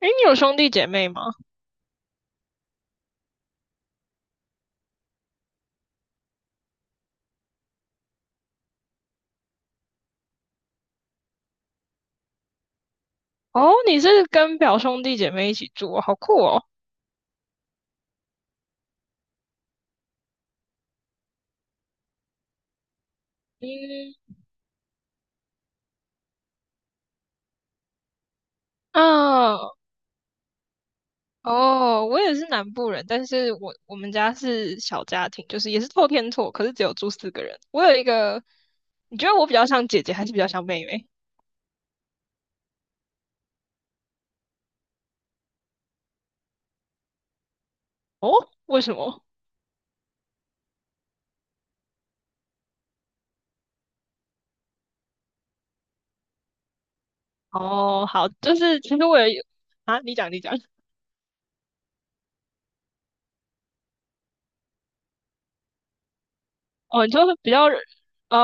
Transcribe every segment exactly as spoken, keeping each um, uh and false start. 诶，你有兄弟姐妹吗？哦，你是跟表兄弟姐妹一起住哦，好酷哦。嗯，啊，哦，我也是南部人，但是我我们家是小家庭，就是也是透天厝，可是只有住四个人。我有一个，你觉得我比较像姐姐，还是比较像妹妹？哦，为什么？哦，好，就是其实我也有啊，你讲，你讲。哦，你就是比较，哦哦，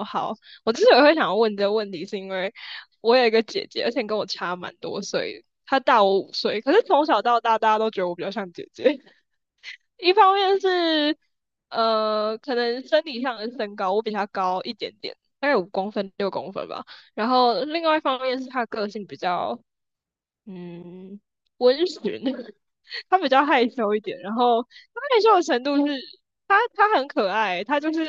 哦好，我之所以会想要问这个问题，是因为我有一个姐姐，而且跟我差蛮多岁，她大我五岁，可是从小到大，大家都觉得我比较像姐姐。一方面是，呃，可能生理上的身高，我比她高一点点，大概五公分、六公分吧。然后另外一方面是她个性比较，嗯，温驯，他比较害羞一点，然后他害羞的程度是，他他很可爱，他就是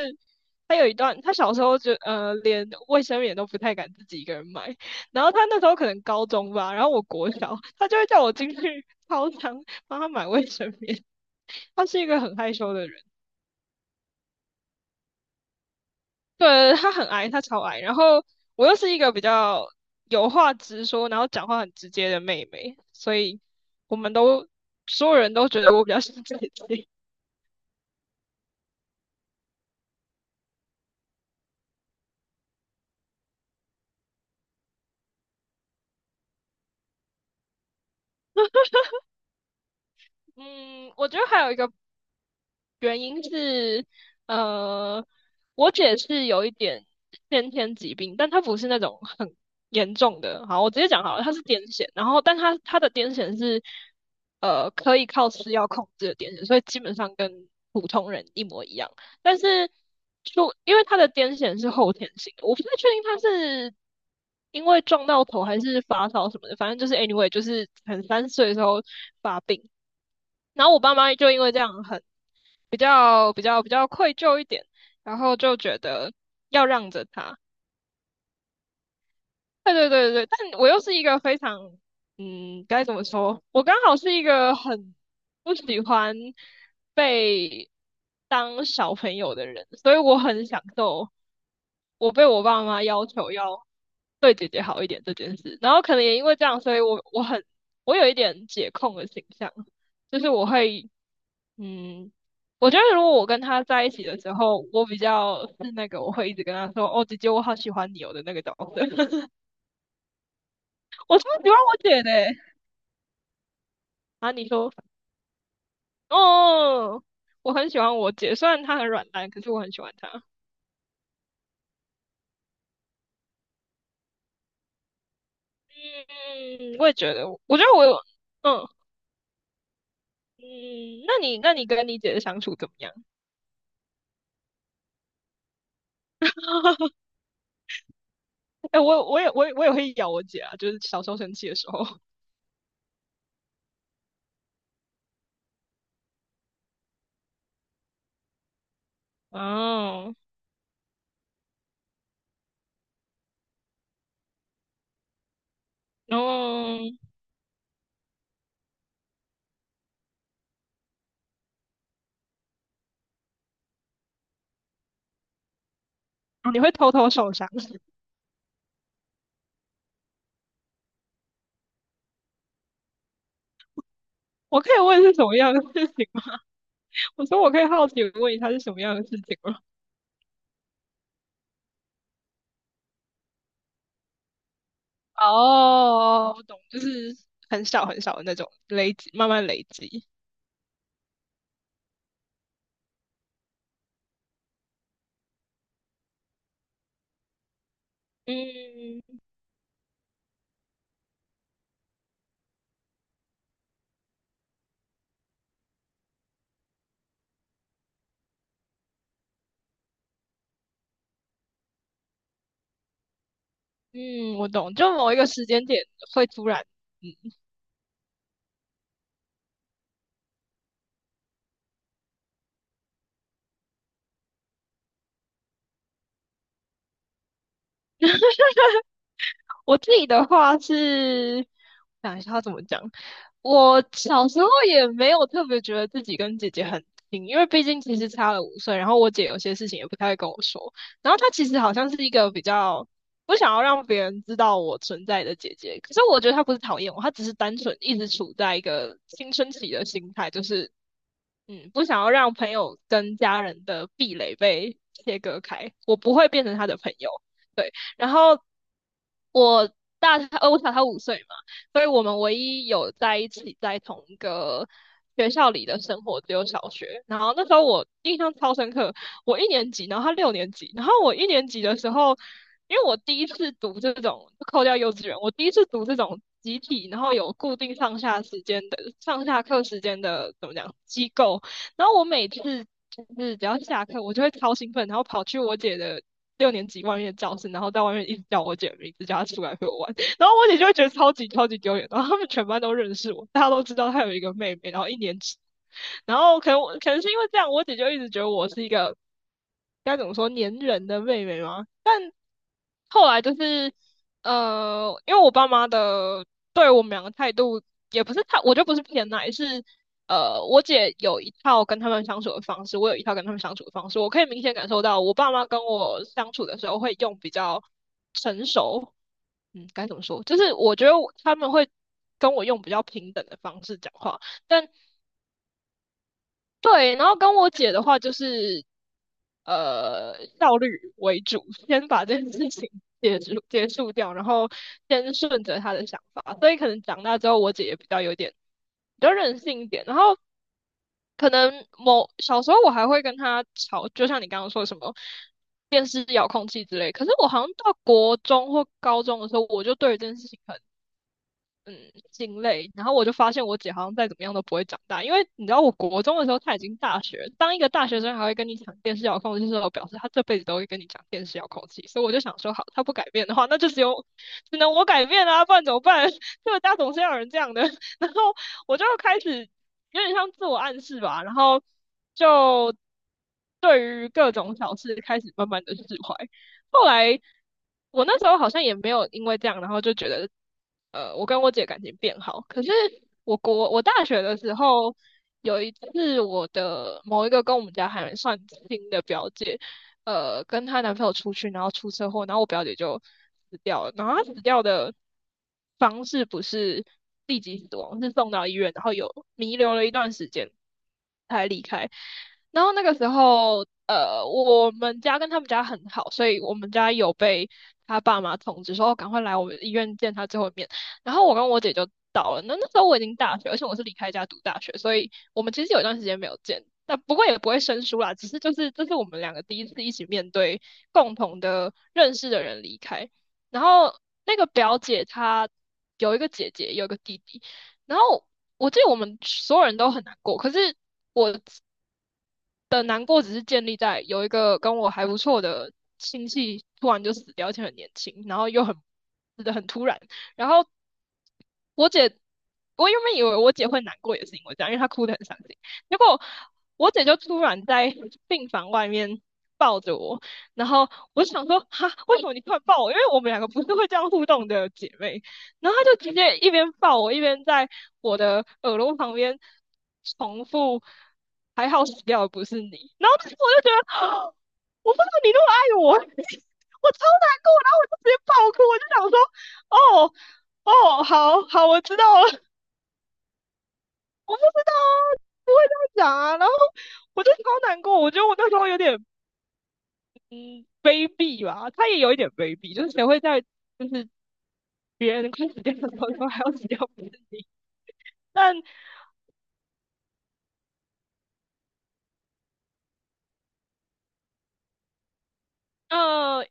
他有一段，他小时候就呃连卫生棉都不太敢自己一个人买，然后他那时候可能高中吧，然后我国小，他就会叫我进去操场帮他买卫生棉，他是一个很害羞的人，对，他很矮，他超矮，然后我又是一个比较有话直说，然后讲话很直接的妹妹，所以我们都所有人都觉得我比较像姐姐。嗯，我觉得还有一个原因是，呃，我姐是有一点先天疾病，但她不是那种很严重的。好，我直接讲好了，她是癫痫，然后但她她的癫痫是，呃，可以靠吃药控制的癫痫，所以基本上跟普通人一模一样。但是就因为她的癫痫是后天性的，我不太确定她是因为撞到头还是发烧什么的，反正就是 anyway,就是很三十岁的时候发病。然后我爸妈就因为这样很比较比较比较愧疚一点，然后就觉得要让着他。对对对对，但我又是一个非常，嗯，该怎么说？我刚好是一个很不喜欢被当小朋友的人，所以我很享受我被我爸妈要求要对姐姐好一点这件事。然后可能也因为这样，所以我我很我有一点姐控的形象，就是我会嗯，我觉得如果我跟他在一起的时候，我比较是那个我会一直跟他说哦，姐姐我好喜欢你哦的那个角色，我超喜欢我姐的欸啊，你说哦。我很喜欢我姐，虽然她很软烂，可是我很喜欢她。嗯，我也觉得，我觉得我有，嗯嗯，那你那你跟你姐的相处怎么样？哎、我我也我也我也会咬我姐啊，就是小时候生气的时候。哦，然后哦你会偷偷受伤？我可以问是什么样的事情吗？我说我可以好奇地问一下是什么样的事情吗？哦，我懂，就是很小很小的那种累积，慢慢累积。嗯嗯，我懂，就某一个时间点会突然嗯我自己的话是，想一下他怎么讲。我小时候也没有特别觉得自己跟姐姐很亲，因为毕竟其实差了五岁，然后我姐有些事情也不太会跟我说，然后她其实好像是一个比较不想要让别人知道我存在的姐姐，可是我觉得她不是讨厌我，她只是单纯一直处在一个青春期的心态，就是嗯，不想要让朋友跟家人的壁垒被切割开，我不会变成他的朋友。对，然后我大他，呃，我小他五岁嘛，所以我们唯一有在一起在同一个学校里的生活只有小学。然后那时候我印象超深刻，我一年级，然后他六年级，然后我一年级的时候，因为我第一次读这种，扣掉幼稚园，我第一次读这种集体，然后有固定上下时间的上下课时间的怎么讲机构，然后我每次。就是只要下课，我就会超兴奋，然后跑去我姐的六年级外面的教室，然后在外面一直叫我姐的名字，叫她出来陪我玩。然后我姐就会觉得超级超级丢脸，然后他们全班都认识我，大家都知道她有一个妹妹，然后一年级，然后可能我可能是因为这样，我姐就一直觉得我是一个该怎么说粘人的妹妹吗？后来就是，呃，因为我爸妈的对我们两个态度也不是太，我就不是偏爱，是呃，我姐有一套跟他们相处的方式，我有一套跟他们相处的方式，我可以明显感受到，我爸妈跟我相处的时候会用比较成熟，嗯，该怎么说？就是我觉得我他们会跟我用比较平等的方式讲话，但对，然后跟我姐的话就是呃效率为主，先把这件事情结束结束掉，然后先顺着她的想法，所以可能长大之后我姐也比较有点比较任性一点，然后可能某小时候我还会跟她吵，就像你刚刚说什么。电视遥控器之类，可是我好像到国中或高中的时候，我就对于这件事情很嗯心累。然后我就发现我姐好像再怎么样都不会长大，因为你知道，我国中的时候她已经大学了当一个大学生还会跟你讲电视遥控器的时候，表示她这辈子都会跟你讲电视遥控器。所以我就想说，好，她不改变的话，那就只有只能我改变啊，不然怎么办？这个家总是要有人这样的。然后我就开始有点像自我暗示吧，然后就对于各种小事开始慢慢的释怀。后来我那时候好像也没有因为这样，然后就觉得，呃，我跟我姐感情变好。可是我国我大学的时候，有一次我的某一个跟我们家还算亲的表姐，呃跟她男朋友出去，然后出车祸，然后我表姐就死掉了。然后她死掉的方式不是立即死亡，是送到医院，然后有弥留了一段时间才离开。然后那个时候，呃，我们家跟他们家很好，所以我们家有被他爸妈通知说，哦赶快来我们医院见他最后一面。然后我跟我姐就到了。那那时候我已经大学，而且我是离开家读大学，所以我们其实有一段时间没有见，但不过也不会生疏啦，只是就是这是我们两个第一次一起面对共同的认识的人离开。然后那个表姐她有一个姐姐，有一个弟弟，然后我记得我们所有人都很难过，可是我的难过只是建立在有一个跟我还不错的亲戚突然就死掉，而且很年轻，然后又很死的很突然。然后我姐，我原本以为我姐会难过，也是因为这样，因为她哭得很伤心。结果我姐就突然在病房外面抱着我，然后我就想说，哈，为什么你突然抱我？因为我们两个不是会这样互动的姐妹。然后他就直接一边抱我，一边在我的耳朵旁边重复"还好死掉的不是你"，然后当时我就觉得，我不知道你那么爱我，我超难过，然后我就直接爆哭，我就想说，哦哦，好好，我知道了，我不知道啊，不会这样讲啊，然后我就超难过，我觉得我那时候有点嗯卑鄙吧，他也有一点卑鄙，就是谁会在就是别人快死掉的时候说还要死掉不是你，但。呃，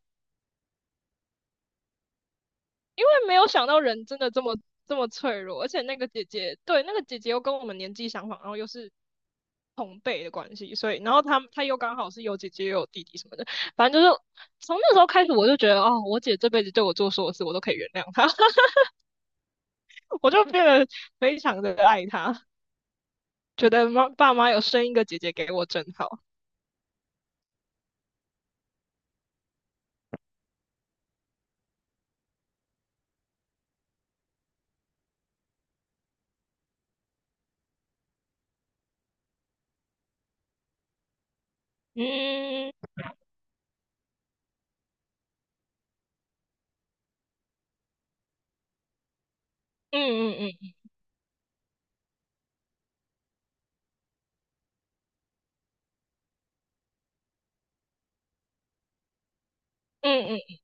因为没有想到人真的这么这么脆弱，而且那个姐姐，对，那个姐姐又跟我们年纪相仿，然后又是同辈的关系，所以，然后她她又刚好是有姐姐又有弟弟什么的，反正就是从那时候开始，我就觉得哦，我姐这辈子对我做所有事，我都可以原谅她，我就变得非常的爱她，觉得妈爸妈有生一个姐姐给我真好，嗯嗯嗯嗯嗯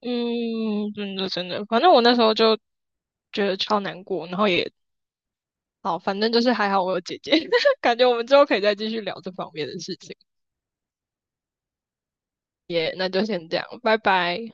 嗯嗯，真的真的，反正我那时候就觉得超难过，然后也好，反正就是还好我有姐姐，感觉我们之后可以再继续聊这方面的事情。耶。那就先这样，拜拜。